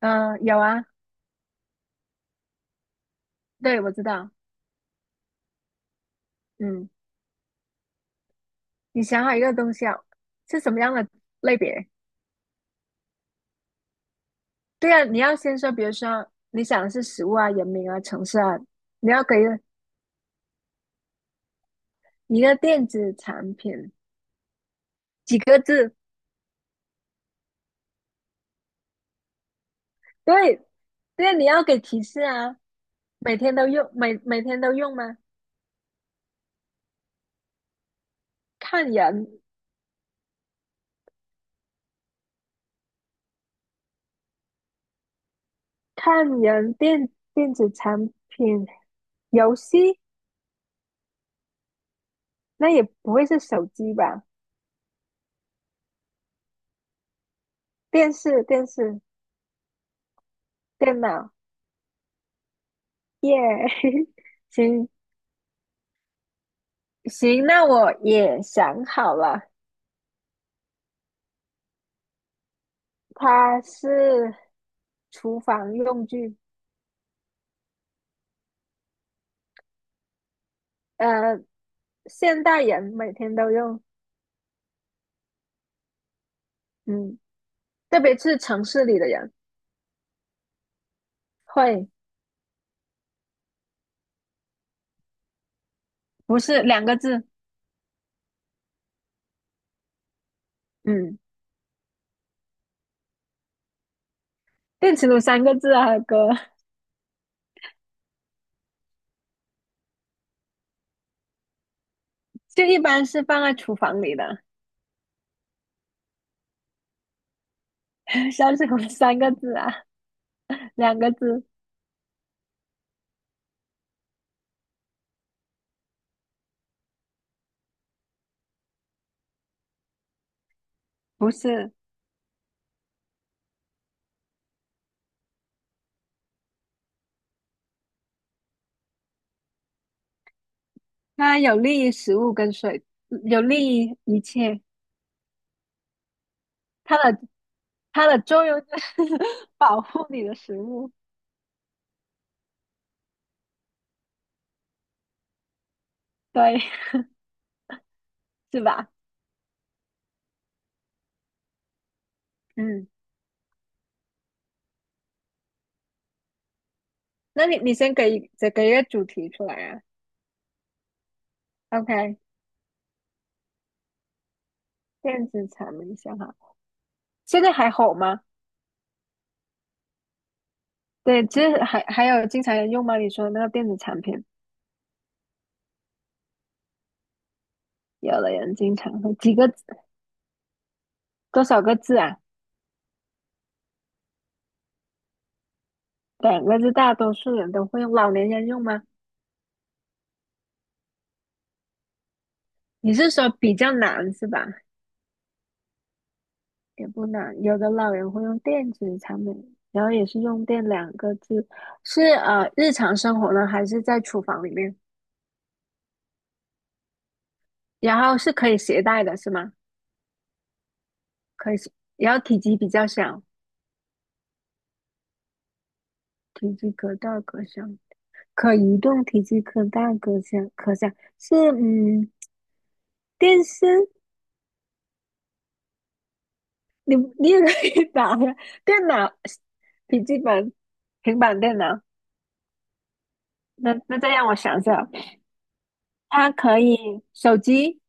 嗯，有啊，对，我知道。嗯，你想好一个东西啊，是什么样的类别？对啊，你要先说，比如说你想的是食物啊、人名啊、城市啊，你要给一个电子产品几个字？对，对啊你要给提示啊。每天都用，每天都用吗？看人，看人，电子产品、游戏，那也不会是手机吧？电视、电视、电脑，耶、行，行，那我也想好了，它是厨房用具，呃，现代人每天都用，嗯，特别是城市里的人会，不是两个字，嗯，电磁炉三个字啊，哥，就一般是放在厨房里的，烧水壶三个字啊，两个字，不是，它有利于食物跟水，有利于一切，它的它的作用就是 保护你的食物，对，是吧？嗯。那你再给一个主题出来啊？OK，电子产品想好，现在还好吗？对，其实还有经常人用吗？你说的那个电子产品，有的人经常会几个字多少个字啊？两个字，大多数人都会用。老年人用吗？你是说比较难是吧？也不难，有的老人会用电子产品，然后也是用电两个字，是日常生活呢，还是在厨房里面？然后是可以携带的是吗？可以，然后体积比较小。体积可大可小，可移动，体积可大可小，可小是电视，你也可以打呀，电脑、笔记本、平板电脑。那再让我想想，它可以手机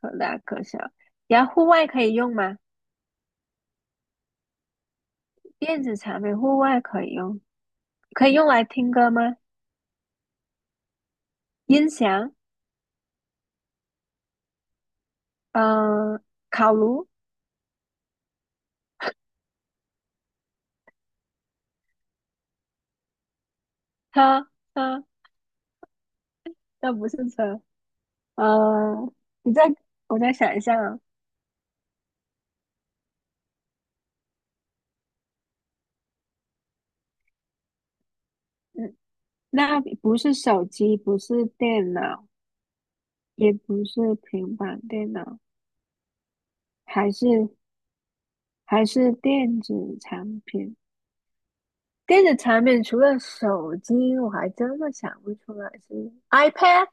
可大可小，然后户外可以用吗？电子产品户外可以用，可以用来听歌吗？音响，嗯，烤炉，车车，那不是车，嗯，你再我再想一下啊。嗯那不是手机，不是电脑，也不是平板电脑，还是还是电子产品。电子产品除了手机，我还真的想不出来是 iPad。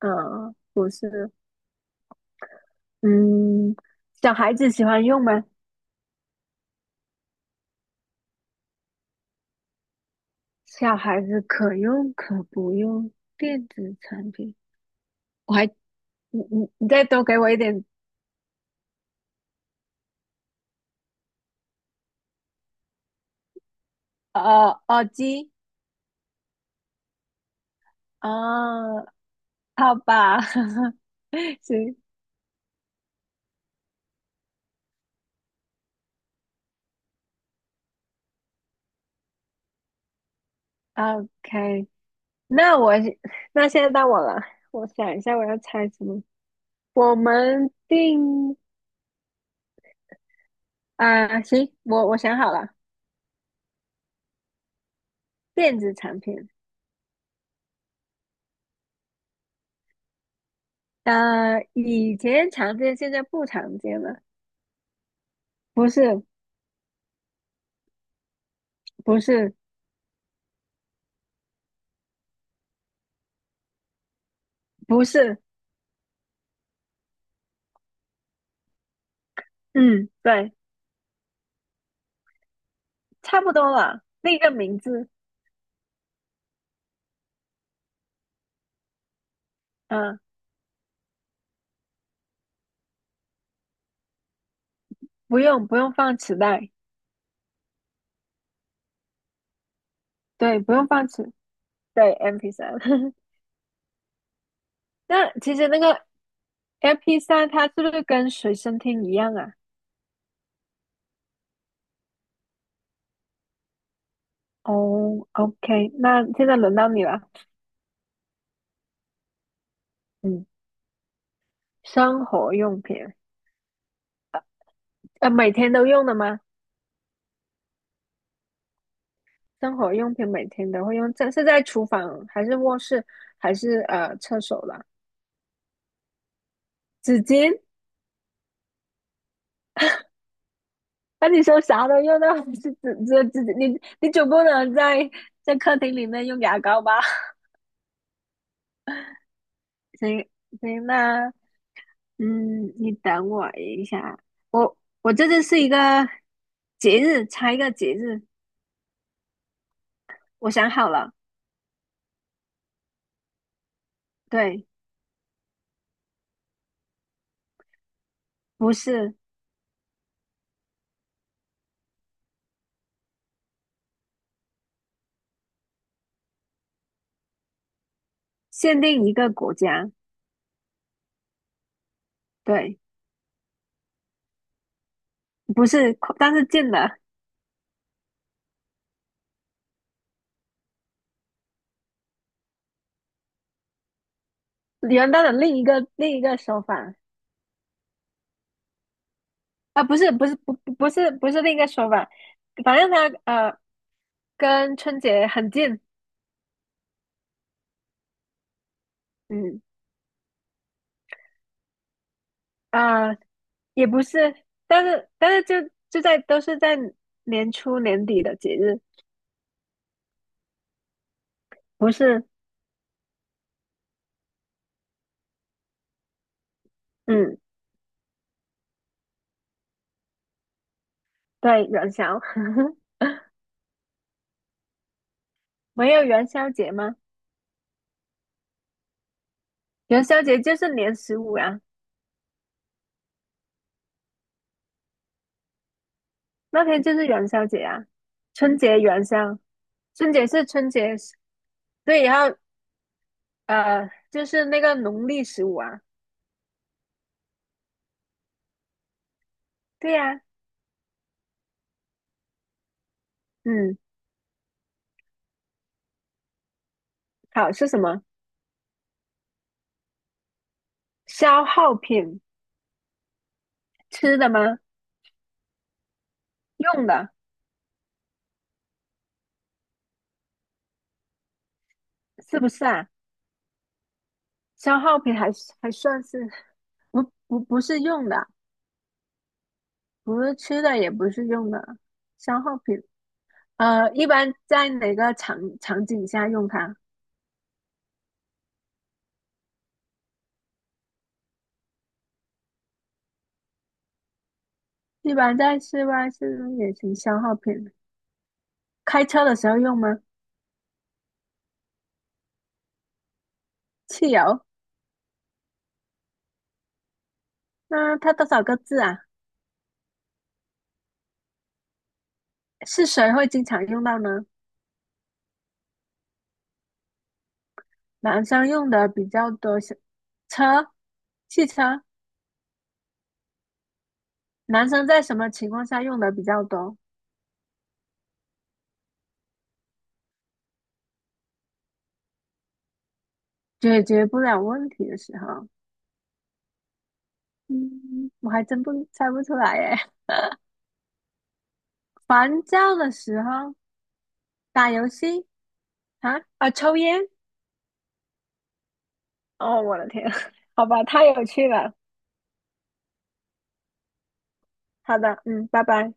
嗯，不是，嗯，小孩子喜欢用吗？小孩子可用可不用电子产品。我还，你再多给我一点，耳机啊，好吧，行。OK，那我 那现在到我了，我想一下我要猜什么。我们定啊、行，我想好了，电子产品，以前常见，现在不常见了，不是，不是，不是，嗯，对，差不多了，那个名字，嗯、不用放磁带，对，不用放磁，对 m p 三。那其实那个 MP3，它是不是跟随身听一样啊？哦，OK，那现在轮到你了。嗯，生活用品，每天都用的吗？生活用品每天都会用，这是在厨房还是卧室还是厕所了？纸巾？那你说啥都用到，是纸巾？你总不能在客厅里面用牙膏吧？行行，那你等我一下，我这次是一个节日，猜一个节日，我想好了，对，不是。限定一个国家，对，不是，但是近的，元旦的另一个说法啊，不是不是不不不是不是另一个说法，反正它跟春节很近，嗯啊、也不是，但是就就在都是在年初年底的节日，不是，嗯，对，元宵，没有元宵节吗？元宵节就是年十五呀、那天就是元宵节啊，春节元宵，春节是春节。对，然后就是那个农历十五啊，对呀、嗯，好是什么？消耗品，吃的吗？用的是不是啊？消耗品还是还算是不不是用的，不是吃的，也不是用的，消耗品。一般在哪个场景下用它？一般在室外、室内也行。消耗品，开车的时候用吗？汽油？那它多少个字啊？是谁会经常用到呢？男生用的比较多是车，汽车。男生在什么情况下用的比较多？解决不了问题的时候，嗯，我还真不猜不出来耶。烦躁的时候，打游戏啊啊，抽烟。哦，我的天，好吧，太有趣了。好的，嗯，拜拜。